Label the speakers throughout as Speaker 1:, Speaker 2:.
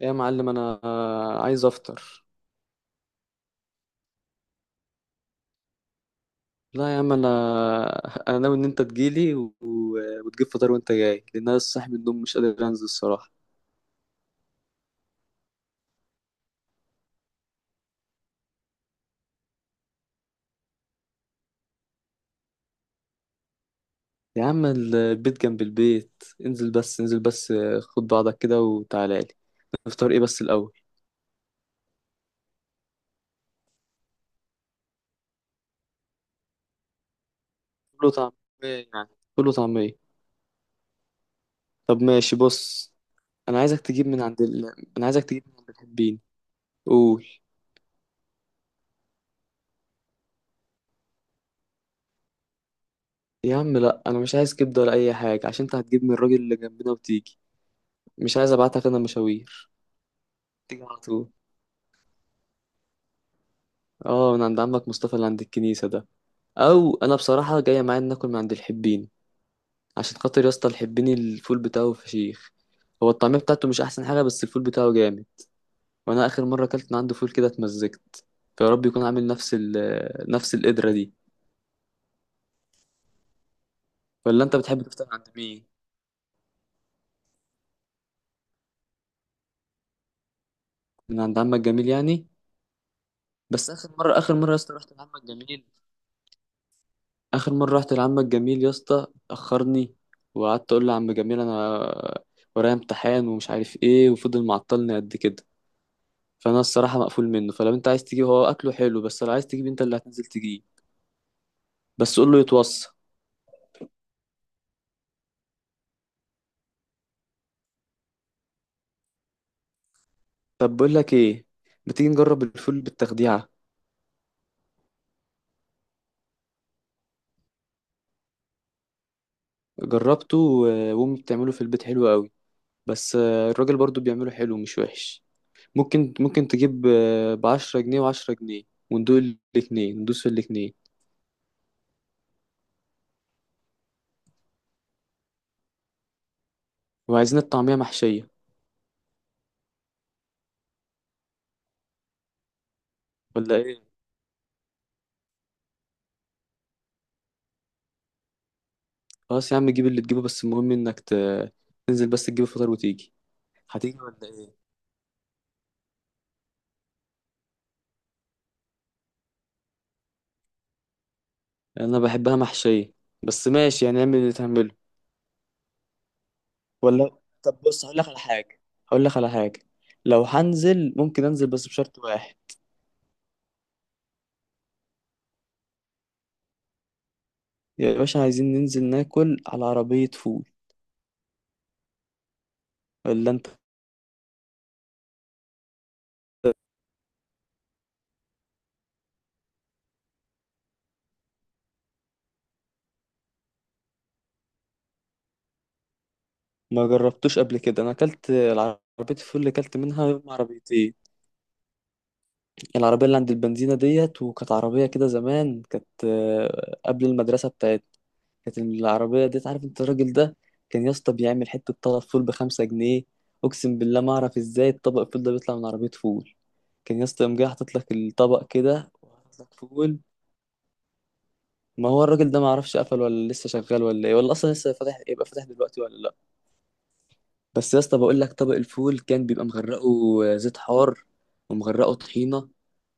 Speaker 1: إيه يا معلم، انا عايز افطر. لا يا عم انا انا ناوي ان انت تجيلي وتجيب فطار وانت جاي، لان انا لسه صاحي من النوم، مش قادر انزل الصراحه. يا عم البيت جنب البيت، انزل بس. خد بعضك كده وتعالى لي. نفطر ايه بس الاول؟ فول وطعميه، يعني فول وطعميه طب ماشي بص. انا عايزك تجيب من عند ال... انا عايزك تجيب من عند الحبين. قول. يا عم لا، انا مش عايز كبده ولا اي حاجه، عشان انت هتجيب من الراجل اللي جنبنا وتيجي. مش عايز ابعتك انا مشاوير. تيجي على طول. اه، من عند عمك مصطفى اللي عند الكنيسة ده. او انا بصراحة جاية معايا إن ناكل من عند الحبين. عشان خاطر يا اسطى الحبين الفول بتاعه فشيخ. هو الطعمية بتاعته مش احسن حاجة، بس الفول بتاعه جامد. وانا اخر مرة اكلت من عنده فول كده اتمزجت. فيا رب يكون عامل نفس القدرة دي. ولا انت بتحب تفطر عند مين؟ من عند عمك جميل يعني. بس اخر مرة يا اسطى رحت لعمك جميل، اخر مرة رحت لعمك جميل يا اسطى اخرني. وقعدت اقول لعم جميل انا ورايا امتحان ومش عارف ايه، وفضل معطلني قد كده. فانا الصراحه مقفول منه، فلو انت عايز تجيب هو اكله حلو، بس لو عايز تجيب انت اللي هتنزل تجيب. بس قول له يتوصى. طب بقول لك ايه، ما تيجي نجرب الفول بالتخديعه. وامي بتعمله في البيت حلو قوي. بس الراجل برضو بيعمله حلو، مش وحش. ممكن تجيب ب 10 جنيه و10 جنيه وندوق الاتنين، ندوس في الاتنين. وعايزين الطعميه محشيه ولا ايه؟ خلاص يا عم جيب اللي تجيبه، بس المهم انك تنزل بس تجيب الفطار وتيجي. هتيجي ولا ايه؟ انا بحبها محشيه، بس ماشي يعني، اعمل اللي تعمله. ولا طب بص، هقول لك على حاجة. لو هنزل ممكن انزل بس بشرط واحد. يا باشا عايزين ننزل ناكل على عربية فول. ولا انت ما جربتوش قبل كده؟ انا اكلت العربية الفول اللي اكلت منها يوم عربيتين، العربية اللي عند البنزينة ديت. وكانت عربية كده زمان، كانت قبل المدرسة بتاعتنا. كانت العربية ديت، عارف انت الراجل ده، كان يا اسطى بيعمل حتة طلب فول بخمسة جنيه. اقسم بالله ما اعرف ازاي الطبق الفول ده بيطلع من عربية فول. كان يا اسطى يوم جاي حاطط لك الطبق كده وحاطط لك فول. ما هو الراجل ده ما اعرفش قفل ولا لسه شغال ولا ايه، ولا اصلا لسه فاتح، يبقى فاتح دلوقتي ولا لا. بس يا اسطى بقول لك، طبق الفول كان بيبقى مغرقه زيت حار ومغرقه طحينه،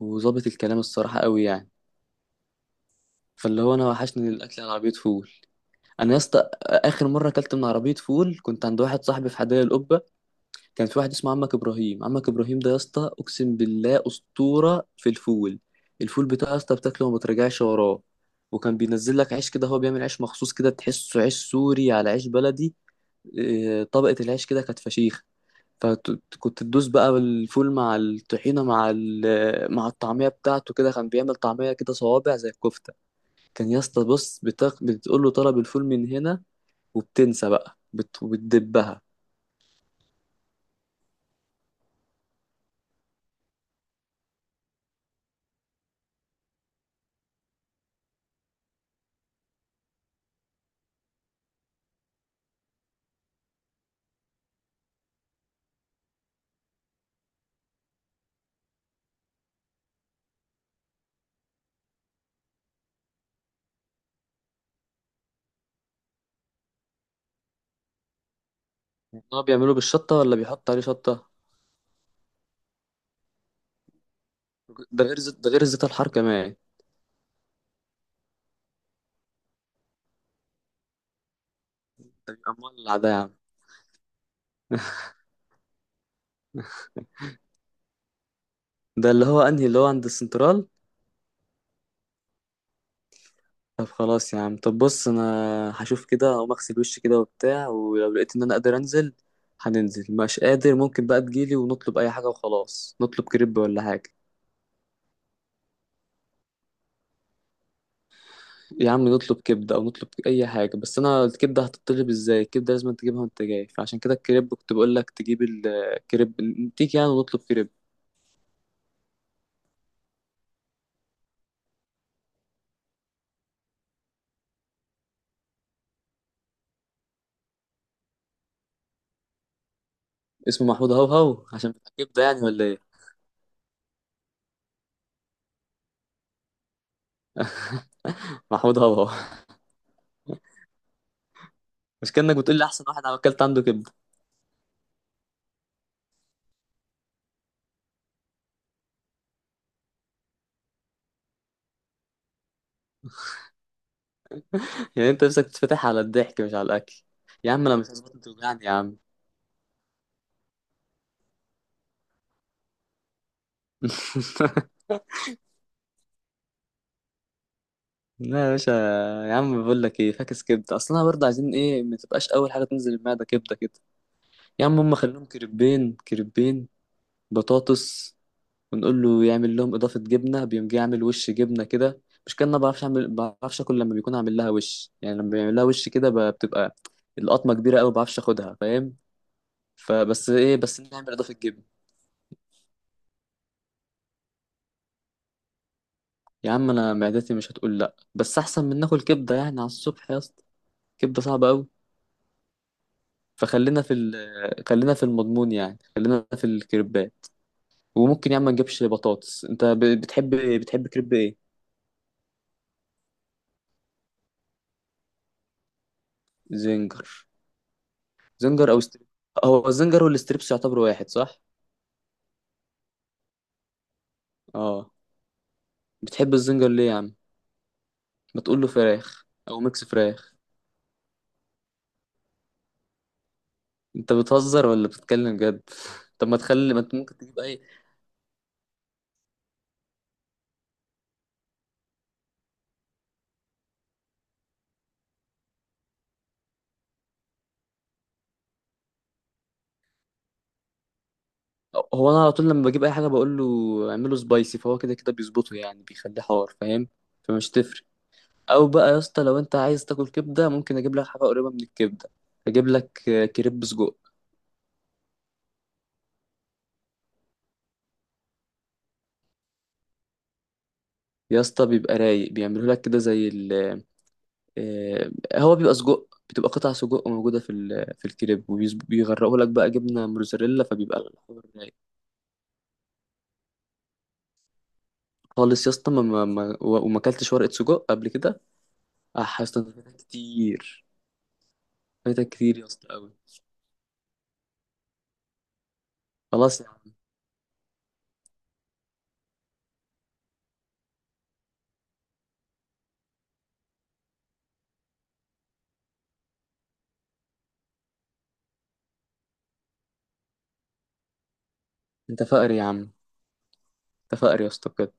Speaker 1: وظابط الكلام الصراحه قوي يعني. فاللي هو انا وحشني الاكل على عربيه فول. انا يا اسطى اخر مره اكلت من عربيه فول كنت عند واحد صاحبي في حدائق القبه. كان في واحد اسمه عمك ابراهيم، عمك ابراهيم ده يا اسطى اقسم بالله اسطوره في الفول. الفول بتاعه يا اسطى بتاكله وما ترجعش وراه. وكان بينزل لك عيش كده، هو بيعمل عيش مخصوص كده، تحسه عيش سوري على عيش بلدي. طبقه العيش كده كانت فشيخ. فكنت تدوس بقى الفول مع الطحينه مع الطعميه بتاعته كده. كان بيعمل طعميه كده صوابع زي الكفته. كان يا اسطى بص، بتقول له طلب الفول من هنا، وبتنسى بقى، بتدبها. هو بيعمله بالشطه ولا بيحط عليه شطه؟ ده غير زيت، ده غير زيت الحار كمان. ده بيبقى مولع ده يا عم. ده اللي هو انهي، اللي هو عند السنترال؟ طب خلاص يا عم، طب بص انا هشوف كده، اقوم اغسل وشي كده وبتاع، ولو لقيت ان انا قادر انزل هننزل. مش قادر، ممكن بقى تجيلي ونطلب اي حاجه وخلاص، نطلب كريب ولا حاجه. يا عم نطلب كبده او نطلب اي حاجه، بس انا الكبده هتطلب ازاي؟ الكبده لازم تجيبها وانت جاي، فعشان كده الكريب كنت بقول لك تجيب الكريب، نتيجي يعني ونطلب كريب. اسمه محمود هوهو عشان بتاع كبده يعني ولا ايه؟ محمود هوهو. مش كأنك بتقول لي احسن واحد عمل اكلت عنده كبده؟ يعني انت نفسك تتفتح على الضحك مش على الاكل. يا عم انا مش هظبط، انت توجعني يا عم. لا يا باشا. يا عم بقول لك ايه، فاكس كبده، اصل انا برضه عايزين ايه، ما تبقاش اول حاجه تنزل المعده كبده كده. يا عم هم خليهم كريبين، بطاطس. ونقول له يعمل لهم اضافه جبنه، بيقوم جاي يعمل وش جبنه كده. مش كان انا بعرفش اعمل، بعرفش اكل لما بيكون عامل لها وش يعني، لما بيعمل لها وش كده بتبقى القطمه كبيره قوي، ما بعرفش اخدها، فاهم؟ فبس ايه، بس نعمل اضافه جبنه. يا عم انا معدتي مش هتقول لا، بس احسن من ناكل كبده يعني على الصبح يا اسطى. كبده صعبه قوي. فخلينا في ال... آه، خلينا في المضمون يعني، خلينا في الكريبات. وممكن يا عم ما نجيبش بطاطس. انت بتحب، بتحب كريب ايه؟ زنجر. زنجر او ستريب. هو الزنجر والستريبس يعتبروا واحد صح؟ اه. بتحب الزنجر ليه يا عم؟ ما تقول له فراخ او ميكس فراخ. انت بتهزر ولا بتتكلم جد؟ طب ما تخلي، ما انت ممكن تجيب اي. هو انا على طول لما بجيب اي حاجه بقول له اعمله سبايسي، فهو كده كده بيظبطه يعني، بيخليه حار، فاهم؟ فمش تفرق. او بقى يا اسطى لو انت عايز تاكل كبده ممكن اجيب لك حاجه قريبه من الكبده، اجيب لك كريب سجق. يا اسطى بيبقى رايق، بيعمله لك كده زي ال آه، هو بيبقى سجق، بتبقى قطع سجق موجوده في الكريب، وبيغرقوا لك بقى جبنه موزاريلا، فبيبقى الحوار رايق. خالص يا اسطى، وما اكلتش ورقه سجق قبل كده. اه يا اسطى أنت فايتك كتير، فايتك كتير يا اسطى قوي. خلاص. انت فقر يا عم، انت فقر يا اسطى بجد.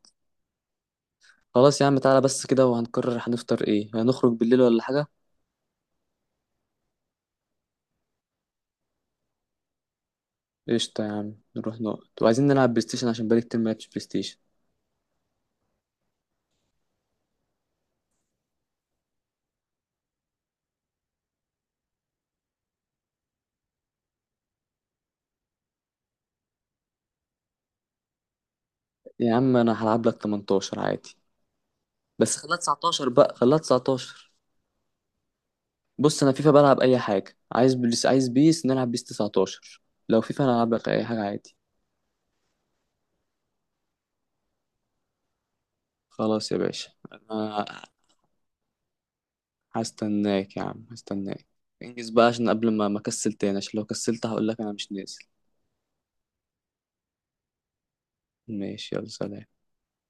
Speaker 1: خلاص يا عم تعالى بس كده، وهنقرر هنفطر ايه، هنخرج بالليل ولا حاجة. قشطة يا عم، نروح نقعد، وعايزين نلعب بلاي ستيشن عشان بقالي كتير ما لعبتش بلاي ستيشن. يا عم انا هلعب لك 18 عادي. بس خليها 19 بقى، خليها 19. بص انا فيفا بلعب اي حاجة، عايز بيس عايز بيس نلعب بيس 19. لو فيفا انا هلعب لك اي حاجة عادي. خلاص يا باشا انا. هستناك يا عم، هستناك. انجز بقى عشان قبل ما اكسل تاني، عشان لو كسلت هقول لك انا مش نازل. ماشي، يلا سلام.